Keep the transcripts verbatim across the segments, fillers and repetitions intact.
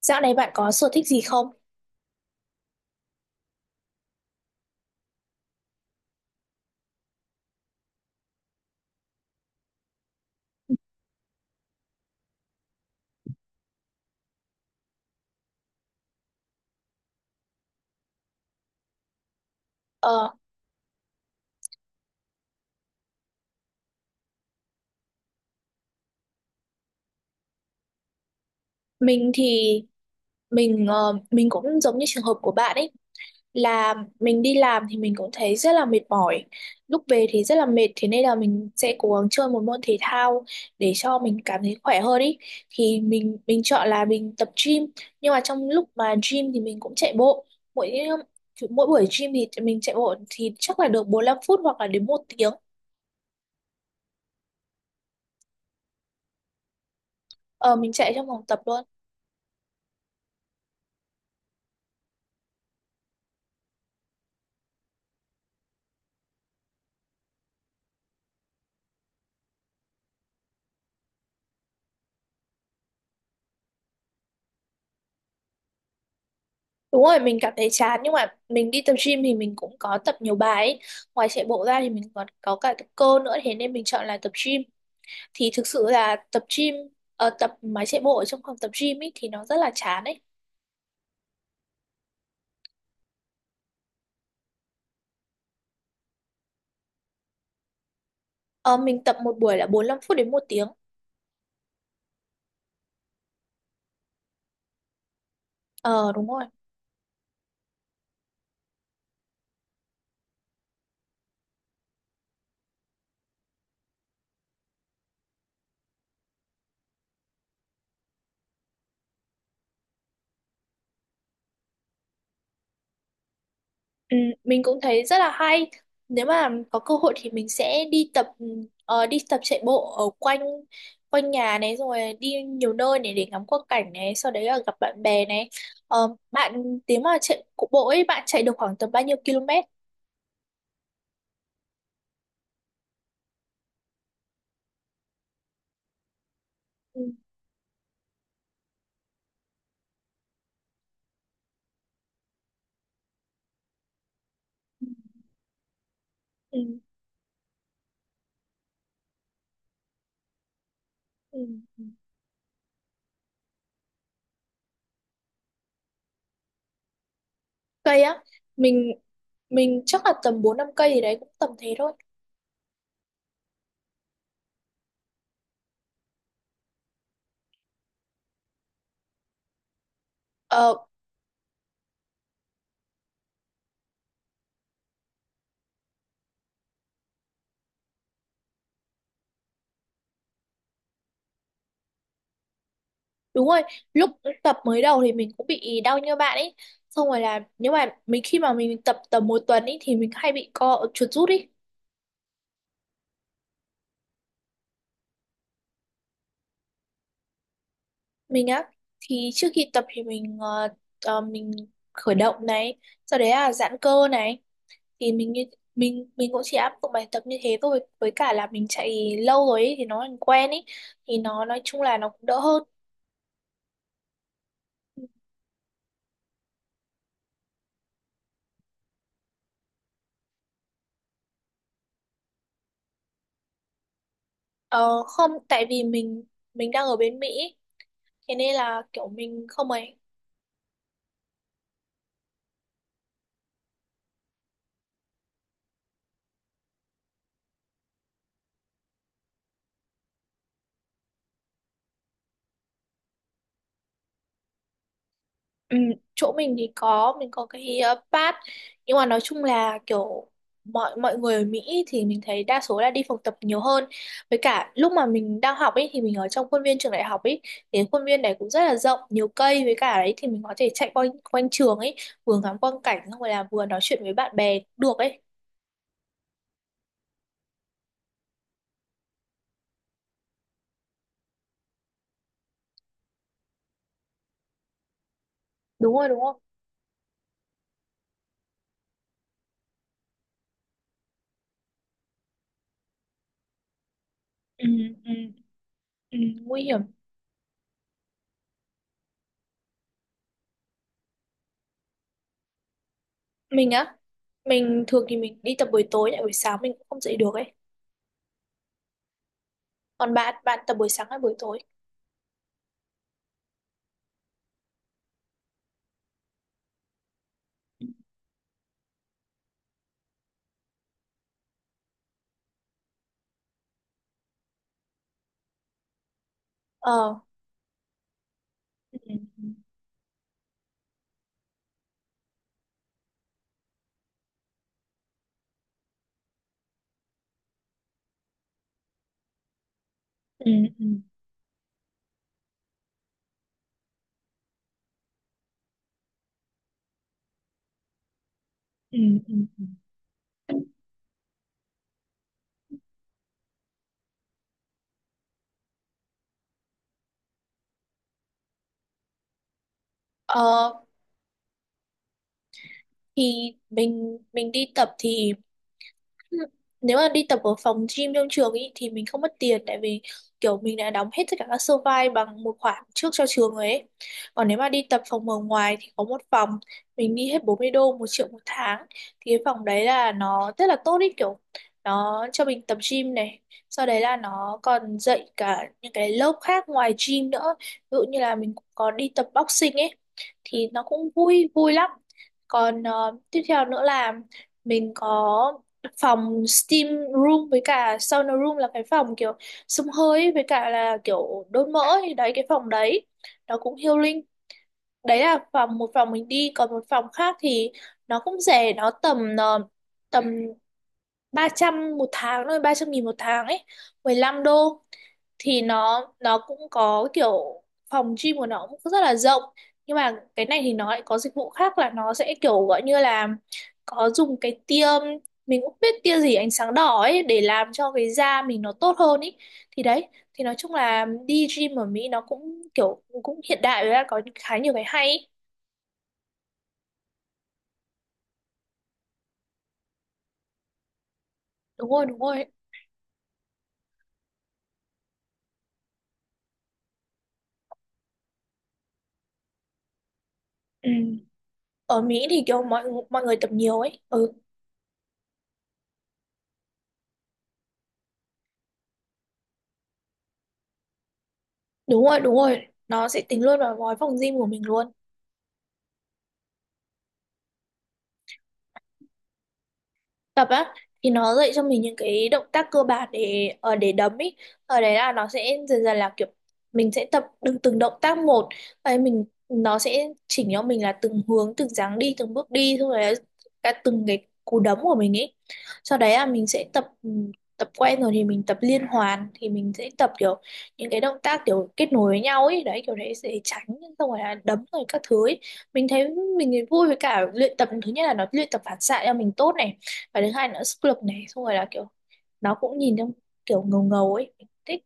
Dạo này bạn có sở thích gì không? Ờ, mình thì mình ờ, mình cũng giống như trường hợp của bạn ấy là mình đi làm thì mình cũng thấy rất là mệt mỏi. Lúc về thì rất là mệt thế nên là mình sẽ cố gắng chơi một môn thể thao để cho mình cảm thấy khỏe hơn ấy. Thì mình mình chọn là mình tập gym nhưng mà trong lúc mà gym thì mình cũng chạy bộ. Mỗi mỗi buổi gym thì mình chạy bộ thì chắc là được bốn lăm phút hoặc là đến một tiếng. Ờ, mình chạy trong phòng tập luôn. Đúng rồi, mình cảm thấy chán nhưng mà mình đi tập gym thì mình cũng có tập nhiều bài ấy. Ngoài chạy bộ ra thì mình còn có cả tập cơ nữa thế nên mình chọn là tập gym. Thì thực sự là tập gym ờ, tập máy chạy bộ ở trong phòng tập gym ấy thì nó rất là chán ấy. Ờ, mình tập một buổi là bốn lăm phút đến một tiếng. Ờ đúng rồi. Ừ, mình cũng thấy rất là hay. Nếu mà có cơ hội thì mình sẽ đi tập ờ, đi tập chạy bộ ở quanh quanh nhà này rồi đi nhiều nơi này để ngắm quang cảnh này, sau đấy là gặp bạn bè này. Ờ, bạn nếu mà chạy cụ bộ ấy bạn chạy được khoảng tầm bao nhiêu km? Ừ, ừ, ừ, ừ. Cây á, mình mình chắc là tầm bốn năm cây gì đấy cũng tầm thế thôi. Ờ, Đúng rồi, lúc tập mới đầu thì mình cũng bị đau như bạn ấy. Xong rồi là nếu mà mình khi mà mình tập tầm một tuần ấy thì mình hay bị co chuột rút ấy. Mình á thì trước khi tập thì mình ờ, ờ, mình khởi động này, sau đấy là giãn cơ này thì mình như mình mình cũng chỉ áp dụng bài tập như thế thôi với cả là mình chạy lâu rồi ấy, thì nó thành quen ấy thì nó nói chung là nó cũng đỡ hơn. Ờ, không tại vì mình mình đang ở bên Mỹ thế nên là kiểu mình không ấy. Ừ, chỗ mình thì có mình có cái uh, pass nhưng mà nói chung là kiểu mọi mọi người ở Mỹ thì mình thấy đa số là đi phòng tập nhiều hơn với cả lúc mà mình đang học ấy thì mình ở trong khuôn viên trường đại học ấy thì khuôn viên này cũng rất là rộng nhiều cây với cả đấy thì mình có thể chạy quanh quanh trường ấy vừa ngắm quang cảnh xong rồi là vừa nói chuyện với bạn bè cũng được ấy. Đúng rồi đúng không. Ừ, ừ, ừ, nguy hiểm. Mình á mình thường thì mình đi tập buổi tối lại buổi sáng mình cũng không dậy được ấy. Còn bạn bạn tập buổi sáng hay buổi tối? Ờ, ừ, ừ, ừ, ừ, ừ. Ờ, thì mình mình đi tập thì nếu mà đi tập ở phòng gym trong trường ý thì mình không mất tiền tại vì kiểu mình đã đóng hết tất cả các sơ vai bằng một khoản trước cho trường rồi ấy. Còn nếu mà đi tập phòng ở ngoài thì có một phòng mình đi hết bốn mươi đô một triệu một tháng thì cái phòng đấy là nó rất là tốt ý kiểu nó cho mình tập gym này, sau đấy là nó còn dạy cả những cái lớp khác ngoài gym nữa, ví dụ như là mình cũng có đi tập boxing ấy thì nó cũng vui vui lắm. Còn ờ, tiếp theo nữa là mình có phòng steam room với cả sauna room là cái phòng kiểu xông hơi ấy, với cả là kiểu đốt mỡ thì đấy cái phòng đấy nó cũng healing. Đấy là phòng một phòng mình đi, còn một phòng khác thì nó cũng rẻ, nó tầm ờ, tầm ba trăm một tháng thôi, ba trăm nghìn một tháng ấy, mười lăm đô. Thì nó nó cũng có kiểu phòng gym của nó cũng rất là rộng nhưng mà cái này thì nó lại có dịch vụ khác là nó sẽ kiểu gọi như là có dùng cái tia, mình cũng biết tia gì, ánh sáng đỏ ấy để làm cho cái da mình nó tốt hơn ấy thì đấy. Thì nói chung là đi gym ở Mỹ nó cũng kiểu cũng hiện đại với là có khá nhiều cái hay ấy. Đúng rồi đúng rồi. Ừ. Ở Mỹ thì kiểu mọi mọi người tập nhiều ấy. Ừ. Đúng rồi, đúng rồi. Nó sẽ tính luôn vào gói phòng gym của mình luôn. Tập á thì nó dạy cho mình những cái động tác cơ bản để ở để đấm ý. Ở đấy là nó sẽ dần dần là kiểu mình sẽ tập từng từng động tác một ấy, mình nó sẽ chỉnh cho mình là từng hướng, từng dáng đi, từng bước đi, xong rồi là cả từng cái cú đấm của mình ấy. Sau đấy là mình sẽ tập ừ, tập quen rồi thì mình tập liên hoàn thì mình sẽ tập kiểu những cái động tác kiểu kết nối với nhau ấy đấy, kiểu đấy sẽ tránh xong rồi là đấm rồi các thứ ấy. Mình thấy mình thấy vui, với cả luyện tập thứ nhất là nó luyện tập phản xạ cho mình tốt này, và thứ hai nữa sức lực này, xong rồi là kiểu nó cũng nhìn trong kiểu ngầu ngầu ấy. Mình thích.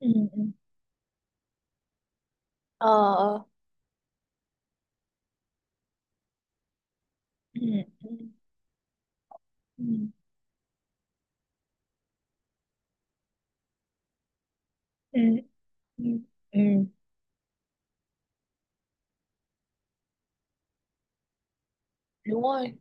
Ừ, ừ. ờ ừ, ừ, ừ, ừ, ừ, ừ. Đúng rồi.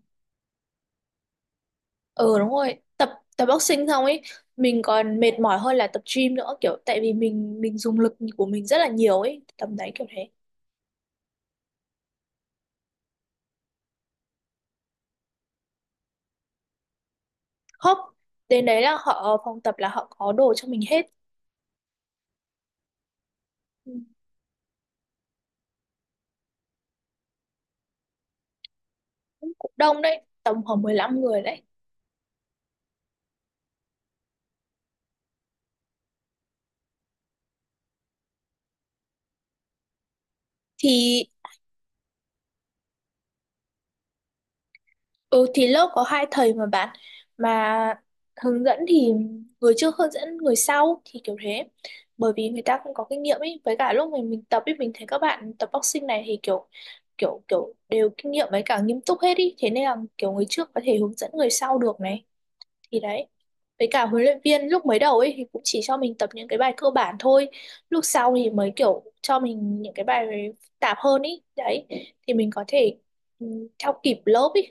Ừ đúng rồi. Tập tập boxing xong ấy mình còn mệt mỏi hơn là tập gym nữa kiểu tại vì mình mình dùng lực của mình rất là nhiều ấy tầm đấy kiểu thế. Không, đến đấy là họ, phòng tập là họ có đồ cho mình hết. Ừ, cũng cũng đông đấy, tầm khoảng mười lăm người đấy. Thì ừ thì lớp có hai thầy mà bạn mà hướng dẫn thì người trước hướng dẫn người sau thì kiểu thế, bởi vì người ta cũng có kinh nghiệm ấy. Với cả lúc mình mình tập ấy, mình thấy các bạn tập boxing này thì kiểu kiểu kiểu đều kinh nghiệm với cả nghiêm túc hết ý, thế nên là kiểu người trước có thể hướng dẫn người sau được này, thì đấy. Với cả huấn luyện viên lúc mới đầu ấy thì cũng chỉ cho mình tập những cái bài cơ bản thôi, lúc sau thì mới kiểu cho mình những cái bài phức tạp hơn ý, đấy thì mình có thể ừ, theo kịp lớp ý.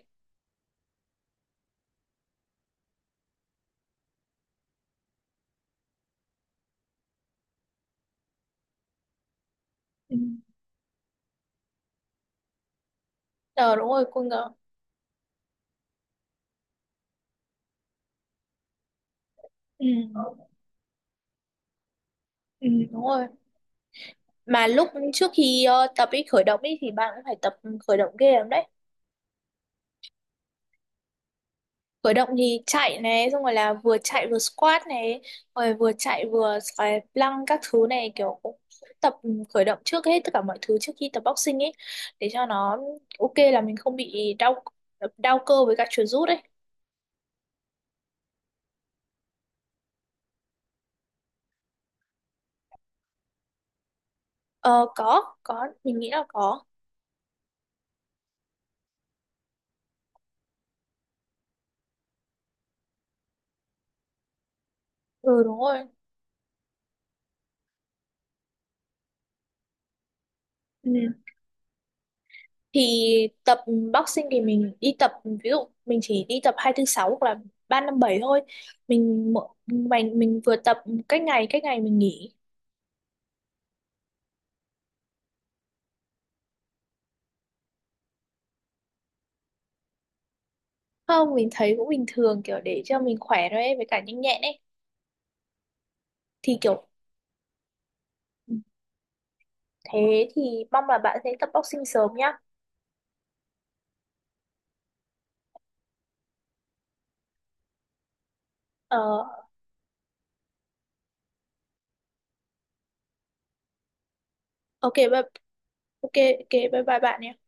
Ừ. Ờ đúng rồi, cô ngờ. Ừ. Ừ đúng rồi. Mà lúc trước khi ờ, tập ý, khởi động ý thì bạn cũng phải tập khởi động ghê lắm đấy. Khởi động thì chạy này, xong rồi là vừa chạy vừa squat này, rồi vừa chạy vừa xoài lăng các thứ này, kiểu cũng tập ừ, khởi động trước hết tất cả mọi thứ trước khi tập boxing ấy để cho nó ok, là mình không bị đau đau cơ với cả chuột rút ấy. Ờ có, có, mình nghĩ là có. Ừ đúng rồi. Ừ. Thì tập boxing thì mình đi tập ví dụ mình chỉ đi tập hai thứ sáu hoặc là ba năm bảy thôi, mình mỗi- mình mình vừa tập cách ngày, cách ngày mình nghỉ. Không, mình thấy cũng bình thường kiểu để cho mình khỏe thôi ấy, với cả nhanh nhẹn ấy thì kiểu thế. Thì mong là bạn sẽ tập boxing sớm nhá. ờ ok bye, ok ok bye bye bạn nhé.